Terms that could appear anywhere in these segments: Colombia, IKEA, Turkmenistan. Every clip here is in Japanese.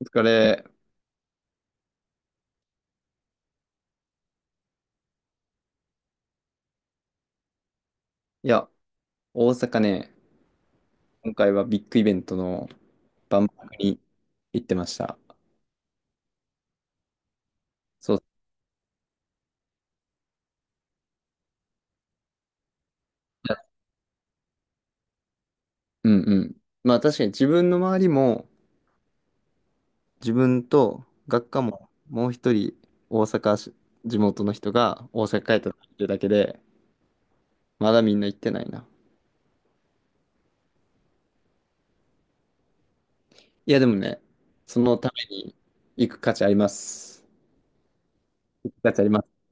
お疲れ。いや、大阪ね、今回はビッグイベントの万博に行ってました。そう。うんうん。まあ確かに自分の周りも、自分と学科ももう一人大阪し、地元の人が大阪帰ったっていうだけで、まだみんな行ってないな。いやでもね、そのために行く価値あります。価値あります。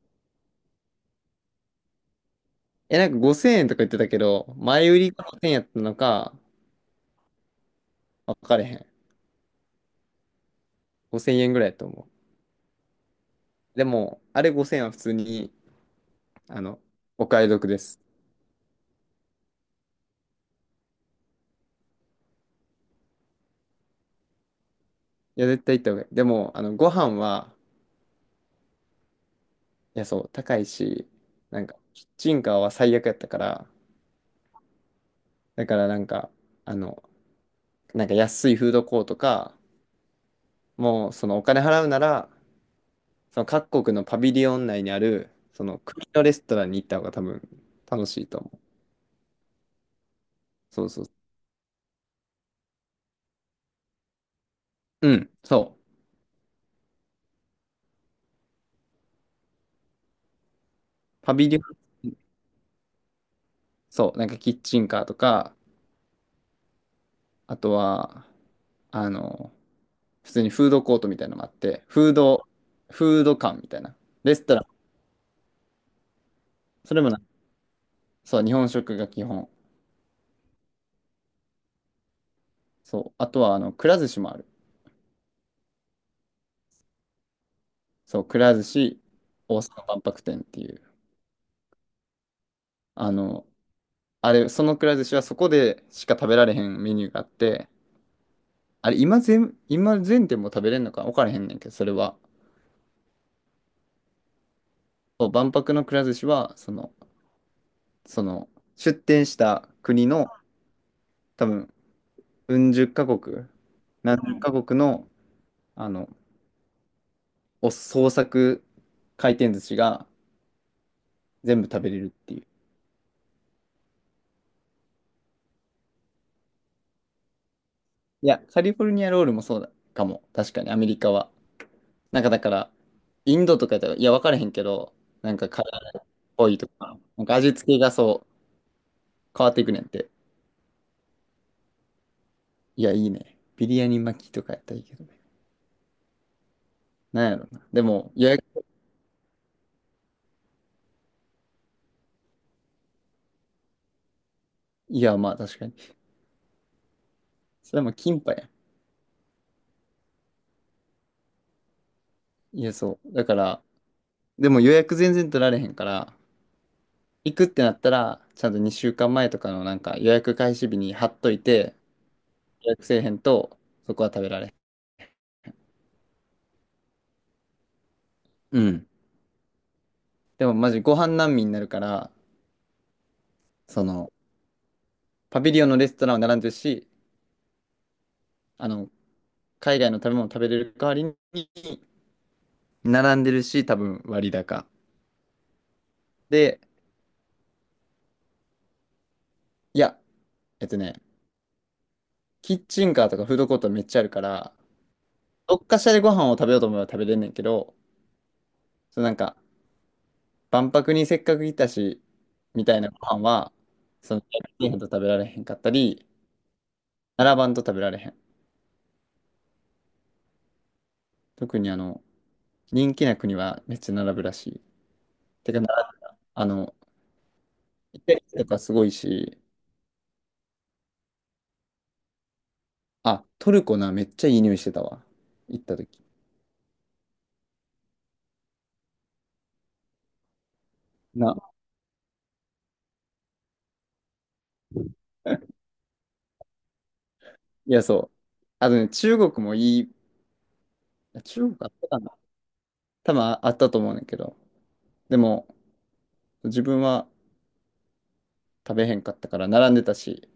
え、なんか5000円とか言ってたけど、前売りが5000円やったのか、分かれへん。5000円ぐらいやと思う。でも、あれ5000円は普通に、あの、お買い得です。いや、絶対行った方がいい。でも、ご飯は、いや、そう、高いし、なんか、キッチンカーは最悪やったから、だからなんか、あの、なんか安いフードコートか、もう、そのお金払うなら、その各国のパビリオン内にある、その国のレストランに行った方が多分楽しいと思う。そうそう。うん、そう。パビリオン、そう、なんかキッチンカーとか、あとは、あの、普通にフードコートみたいなのがあって、フード館みたいな。レストラン。それもな、そう、日本食が基本。そう。あとは、くら寿司もある。そう、くら寿司、大阪万博店っていう。あの、あれ、そのくら寿司はそこでしか食べられへんメニューがあって、あれ、今全店も食べれんのか分からへんねんけど、それは。そう、万博のくら寿司は、その、出店した国の、多分、うん十カ国、何十カ国の、あの、お創作回転寿司が全部食べれるっていう。いや、カリフォルニアロールもそうだかも。確かに、アメリカは。なんかだから、インドとかやったら、いや、分からへんけど、なんかカレーっぽいとか、なんか味付けがそう、変わっていくねんって。いや、いいね。ビリヤニ巻きとかやったらいいけどね。なんやろな。でも、いや、まあ確かに。それもキンパやん。いや、そう。だから、でも予約全然取られへんから、行くってなったら、ちゃんと2週間前とかのなんか予約開始日に貼っといて、予約せえへんと、そこは食べられへん。うん。でもマジご飯難民になるから、その、パビリオンのレストランは並んでるし、あの、海外の食べ物食べれる代わりに、並んでるし、多分割高。で、いや、えっとね、キッチンカーとかフードコートめっちゃあるから、どっかしらでご飯を食べようと思えば食べれんねんけど、そうなんか、万博にせっかく来たし、みたいなご飯は、その、日本と食べられへんかったり、並ばんと食べられへん。特に人気な国はめっちゃ並ぶらしい。てか、あの、イタリアとかすごいし、あ、トルコな、めっちゃいい匂いしてたわ。行った時。な、いや、そう。あとね、中国もいい、中国あったかな多分あったと思うねんだけど、でも、自分は食べへんかったから並んでたし、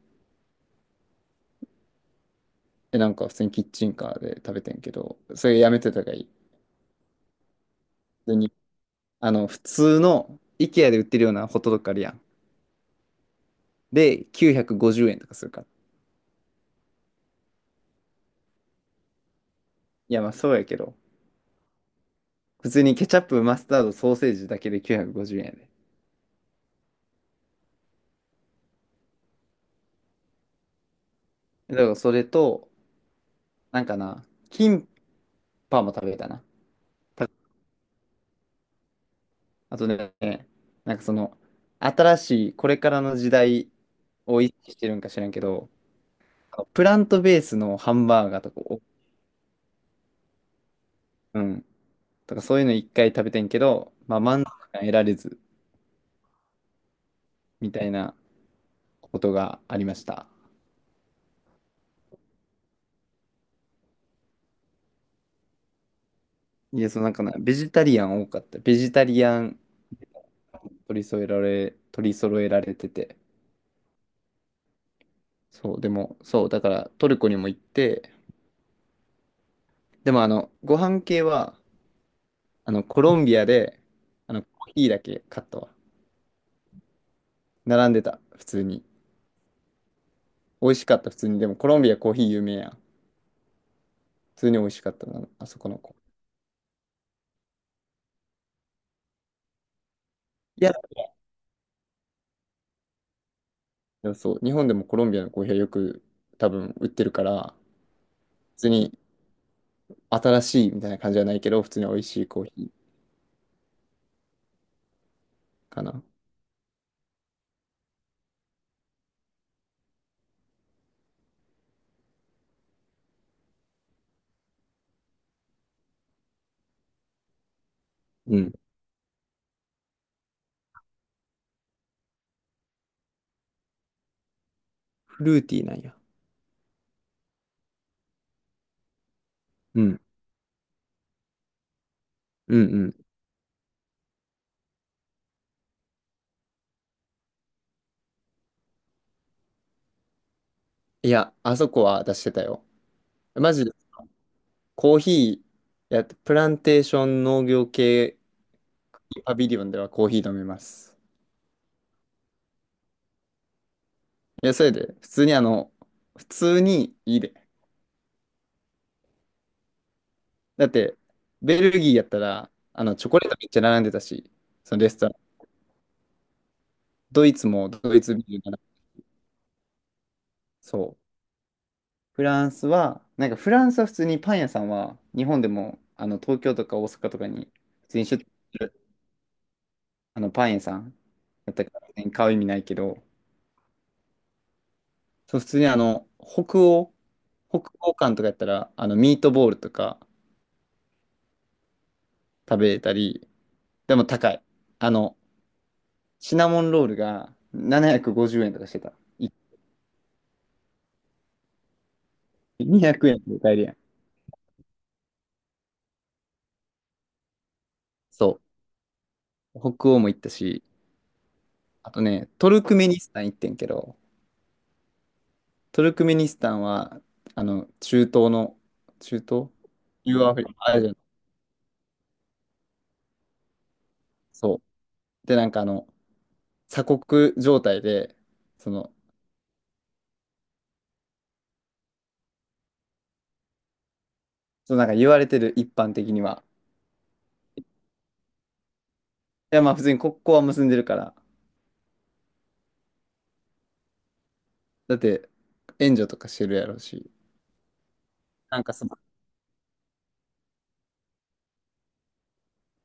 え、なんか普通にキッチンカーで食べてんけど、それやめてた方がいい。普通に、普通の IKEA で売ってるようなホットドッグあるやん。で、950円とかするから。いや、まあそうやけど、普通にケチャップ、マスタード、ソーセージだけで950円やで。だからそれと、なんかな、キンパも食べたな。たあとね、なんかその、新しい、これからの時代を意識してるんか知らんけど、プラントベースのハンバーガーとか、うん、とかそういうの一回食べてんけど、まあ満足感得られず、みたいなことがありました。いや、そうなんかな、ベジタリアン多かった。ベジタリアン取り揃えられてて。そう、でも、そう、だからトルコにも行って、でもご飯系は、コロンビアで、コーヒーだけ買ったわ。並んでた、普通に。美味しかった、普通に。でもコロンビアコーヒー有名やん。普通に美味しかったな、あそこの子。いや、でもそう、日本でもコロンビアのコーヒーはよく多分売ってるから、普通に新しいみたいな感じじゃないけど、普通に美味しいコーヒーかな。うん。フルーティーなんや。うん、うん、うん。いや、あそこは出してたよ。マジで、コーヒーやって、プランテーション農業系パビリオンではコーヒー飲めます。いや、それで、普通にいいで。だって、ベルギーやったら、チョコレートめっちゃ並んでたし、そのレストラン。ドイツもドイツビール並んでそう。フランスは、なんかフランスは普通にパン屋さんは、日本でも、東京とか大阪とかに、普通に出店するパン屋さんやったから、別に買う意味ないけど、そう、普通に北欧館とかやったら、ミートボールとか食べれたり、でも高い。あの、シナモンロールが750円とかしてた。い200円で買えるやん。そう。北欧も行ったし、あとね、トルクメニスタン行ってんけど、トルクメニスタンは、中東の、中東中央アフリカ、アジアのそう。で、なんか鎖国状態で、その、そうなんか言われてる一般的には、いや、まあ普通に国交は結んでるから。だって、援助とかしてるやろうし。なんかい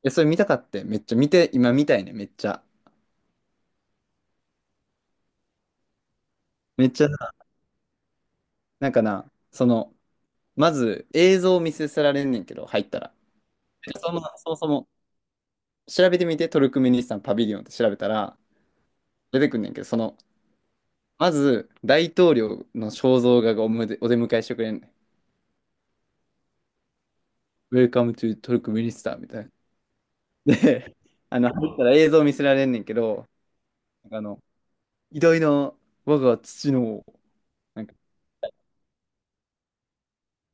や、それ見たかって、めっちゃ見て、今見たいね、めっちゃ。めっちゃな、なんかな、まず映像を見せられんねんけど、入ったら。でそもそも、調べてみて、トルクメニスタンパビリオンって調べたら、出てくんねんけど、まず、大統領の肖像画がおむでお出迎えしてくれんねん。Welcome to トルクメニスタンみたいな。で、入ったら映像見せられんねんけど、なんか偉大な我が父のなんか、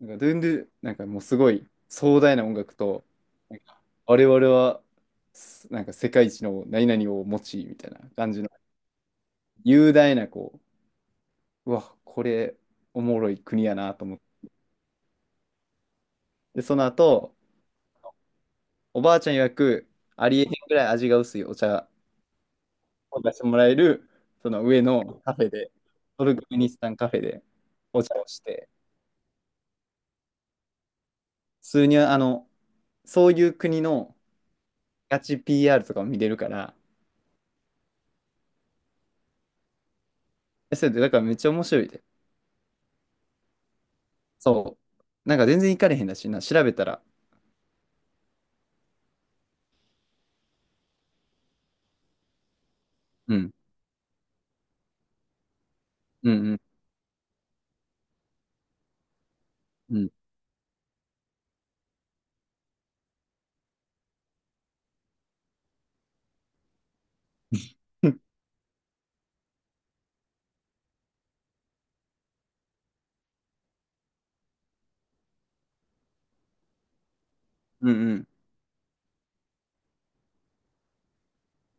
なんかドゥンドゥ、なんかもうすごい壮大な音楽と、なんか我々は、なんか世界一の何々を持ち、みたいな感じの雄大な、こう、うわ、これ、おもろい国やなと思って、でその後、おばあちゃん曰く、ありえへんぐらい味が薄いお茶を出してもらえる、その上のカフェで、トルクメニスタンカフェでお茶をして、普通にそういう国の、ガチ PR とかも見れるから、それで、だからめっちゃ面白いで。そう。なんか全然行かれへんだしな、調べたら。うん。うんうんうん。うんうん。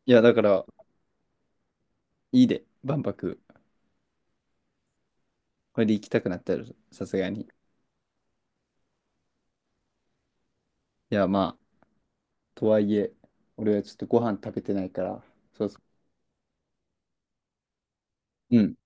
いや、だから、いいで、万博。これで行きたくなったら、さすがに。いや、まあ、とはいえ、俺はちょっとご飯食べてないから、そうそう。うん。